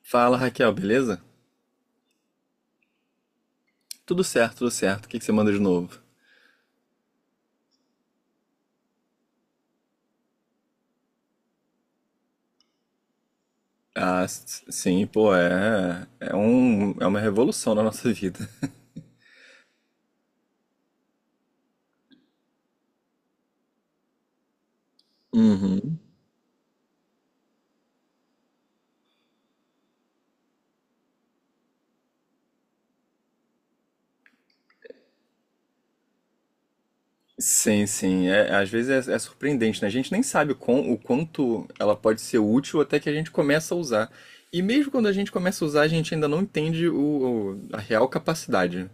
Fala, Raquel, beleza? Tudo certo, tudo certo. O que você manda de novo? Sim, pô, é uma revolução na nossa vida. Uhum. Sim, sim. É, às vezes é surpreendente, né? A gente nem sabe o quanto ela pode ser útil até que a gente começa a usar. E mesmo quando a gente começa a usar, a gente ainda não entende a real capacidade.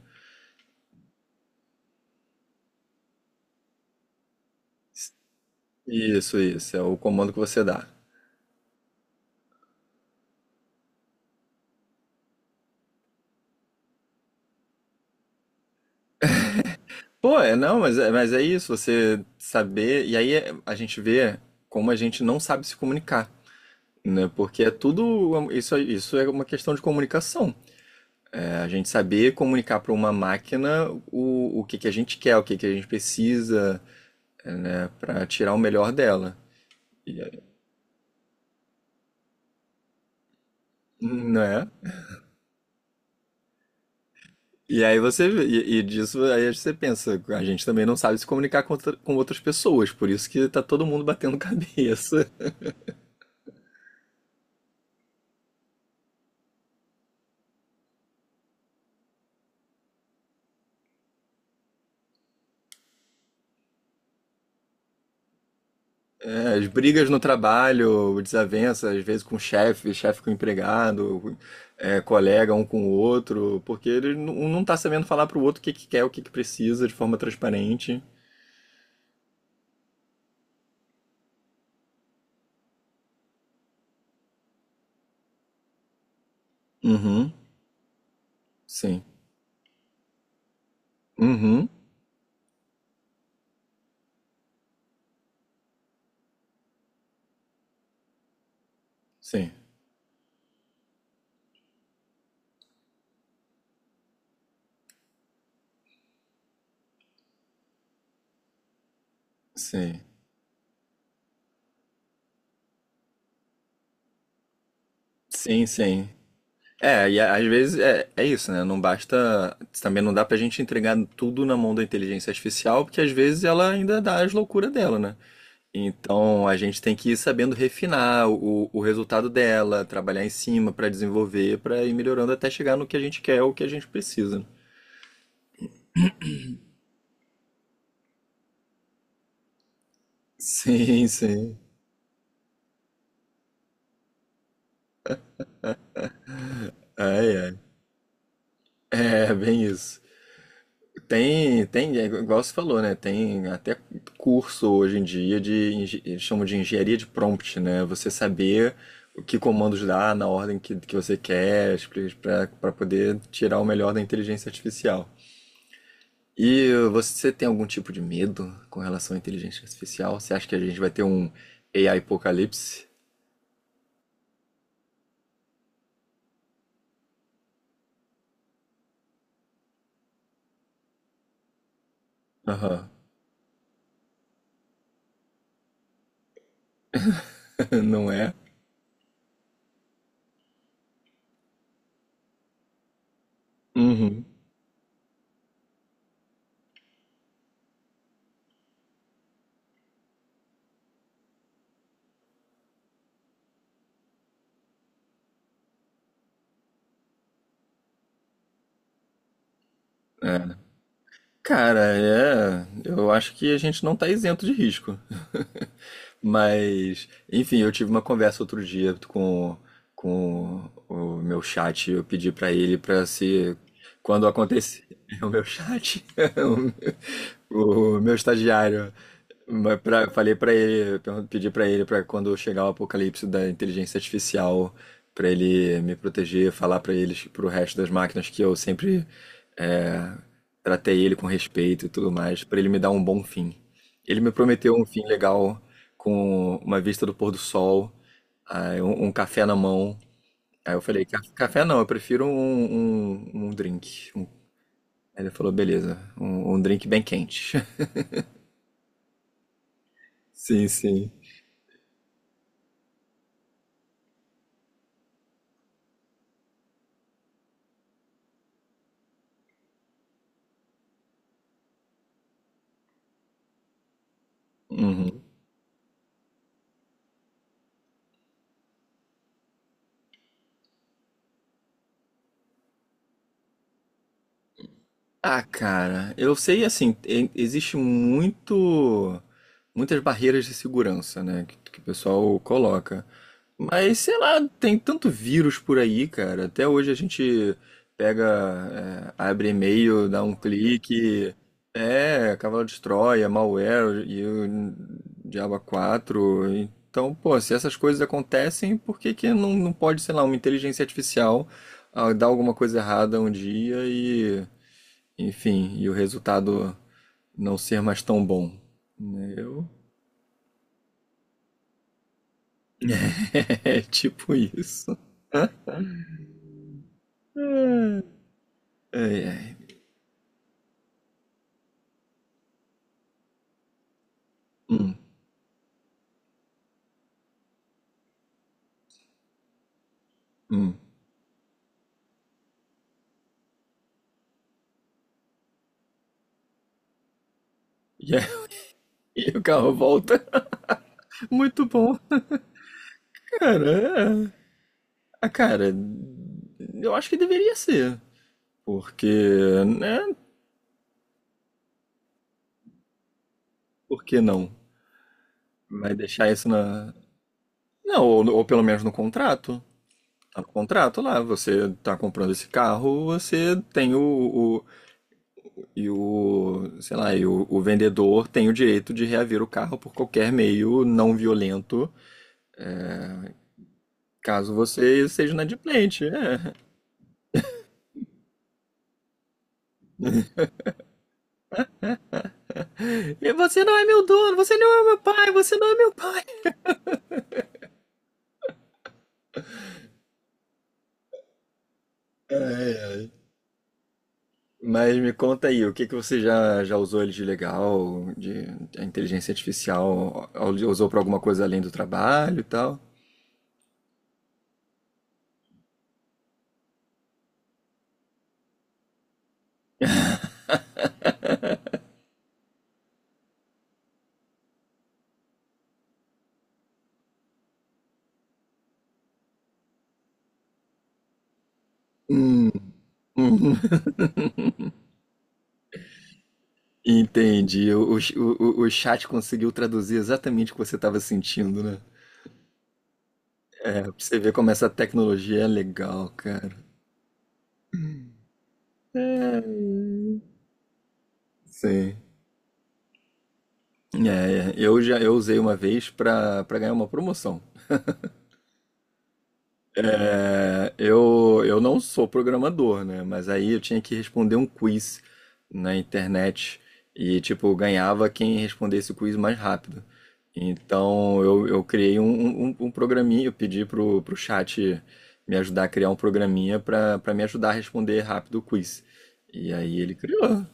Isso, isso. É o comando que você dá. Pô, é, não, mas é isso, você saber. A gente vê como a gente não sabe se comunicar, né? Porque é tudo. Isso é uma questão de comunicação. É a gente saber comunicar para uma máquina o que a gente quer, o que que a gente precisa, né, para tirar o melhor dela. E, né? E aí e disso aí você pensa, a gente também não sabe se comunicar com outras pessoas, por isso que tá todo mundo batendo cabeça. É, as brigas no trabalho, desavença, às vezes com o chefe, chefe com o empregado, é, colega um com o outro, porque um não tá sabendo falar pro outro o que quer, o que precisa de forma transparente. Uhum, sim. Uhum, sim. Sim. Sim, sim. É, às vezes é isso, né? Não basta. Também não dá pra gente entregar tudo na mão da inteligência artificial, porque às vezes ela ainda dá as loucuras dela, né? Então a gente tem que ir sabendo refinar o resultado dela, trabalhar em cima para desenvolver, para ir melhorando até chegar no que a gente quer, o que a gente precisa. Sim, sim. Ai, ai. É, bem isso. É igual você falou, né? Tem até curso hoje em dia eles chamam de engenharia de prompt, né? Você saber o que comandos dar na ordem que você quer, para poder tirar o melhor da inteligência artificial. E você tem algum tipo de medo com relação à inteligência artificial? Você acha que a gente vai ter um AI apocalipse? Aham. Não é? Uhum. É. Cara, é. Eu acho que a gente não tá isento de risco. Mas, enfim, eu tive uma conversa outro dia com o meu chat. Eu pedi pra ele pra se. Quando acontecer. O meu chat. O meu estagiário. Falei pra ele. Pedi pra ele pra quando chegar o apocalipse da inteligência artificial. Pra ele me proteger, falar pra eles, pro resto das máquinas que eu sempre, é, tratei ele com respeito e tudo mais, pra ele me dar um bom fim. Ele me prometeu um fim legal, com uma vista do pôr do sol, aí um café na mão. Aí eu falei, Café não, eu prefiro um drink. Aí ele falou, beleza, um drink bem quente. Sim, sim. Uhum. Ah, cara, eu sei assim, existe muito muitas barreiras de segurança, né, que o pessoal coloca. Mas sei lá, tem tanto vírus por aí, cara. Até hoje a gente pega, é, abre e-mail, dá um clique, é, cavalo de Troia, malware e o Diabo quatro. Então, pô, se essas coisas acontecem, por que que não pode, sei lá, uma inteligência artificial, ah, dar alguma coisa errada um dia, enfim, e o resultado não ser mais tão bom, né? Eu... É tipo isso. Ai, ai. Hum, hum. E, aí, e o carro volta. Muito bom. Cara, é... ah, cara, eu acho que deveria ser. Porque, né? Por que não? Vai deixar isso na. Não, ou pelo menos no contrato. Tá no contrato lá, você tá comprando esse carro, você tem e o, sei lá, o vendedor tem o direito de reaver o carro por qualquer meio não violento, caso você seja inadimplente. É. E você não é meu dono, você não é meu pai, você não é meu pai. Ai, ai. Mas me conta aí, o que que você já usou ele de legal, de a inteligência artificial, usou para alguma coisa além do trabalho e tal? Hum, hum. Entendi. O chat conseguiu traduzir exatamente o que você estava sentindo, né? Pra você ver como essa tecnologia é legal, cara. Sim. É, é, eu usei uma vez pra para ganhar uma promoção. É, eu não sou programador, né? Mas aí eu tinha que responder um quiz na internet e, tipo, ganhava quem respondesse o quiz mais rápido. Então eu criei um um programinha, eu pedi pro chat me ajudar a criar um programinha pra para me ajudar a responder rápido o quiz. E aí ele criou.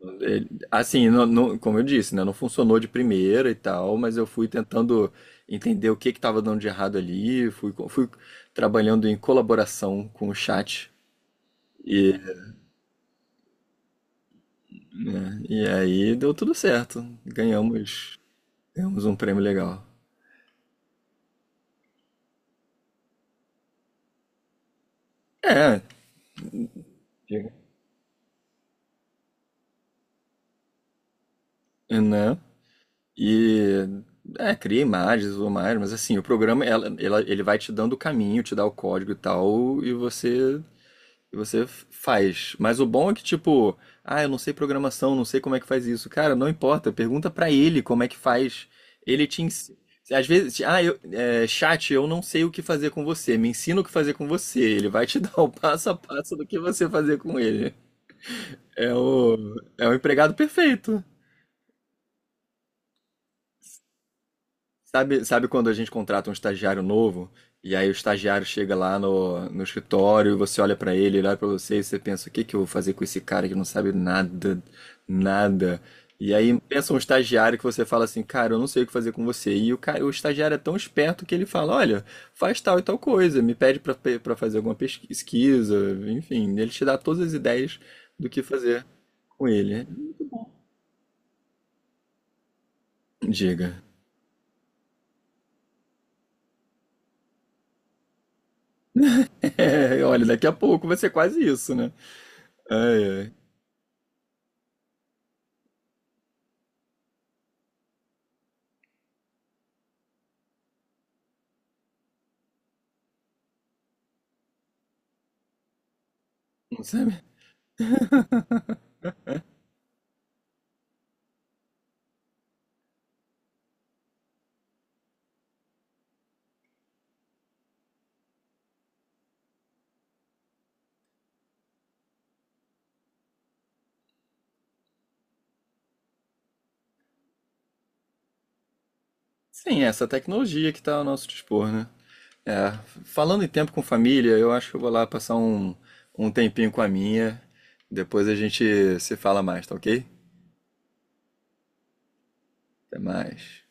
É, assim, como eu disse, né, não funcionou de primeira e tal, mas eu fui tentando entender o que que estava dando de errado ali, fui trabalhando em colaboração com o chat e, e aí deu tudo certo. Ganhamos, ganhamos um prêmio legal. É, né? E é, cria imagens e tudo mais, mas assim, o programa ele vai te dando o caminho, te dá o código e tal, e você faz. Mas o bom é que, tipo, ah, eu não sei programação, não sei como é que faz isso. Cara, não importa, pergunta pra ele como é que faz. Ele te ensina. Às vezes, ah, eu, é, chat, eu não sei o que fazer com você. Me ensina o que fazer com você. Ele vai te dar o passo a passo do que você fazer com ele. É o, é o empregado perfeito. Sabe, sabe quando a gente contrata um estagiário novo e aí o estagiário chega lá no escritório e você olha pra ele, ele olha pra você e você pensa, o que que eu vou fazer com esse cara que não sabe nada, nada. E aí pensa um estagiário que você fala assim, cara, eu não sei o que fazer com você. E o cara, o estagiário é tão esperto que ele fala, olha, faz tal e tal coisa, me pede pra para fazer alguma pesquisa, enfim, ele te dá todas as ideias do que fazer com ele. Diga. Olha, daqui a pouco vai ser quase isso, né? Ai, ai. Não sabe? Sim, é essa tecnologia que está ao nosso dispor, né? É, falando em tempo com família, eu acho que eu vou lá passar um tempinho com a minha. Depois a gente se fala mais, tá ok? Até mais.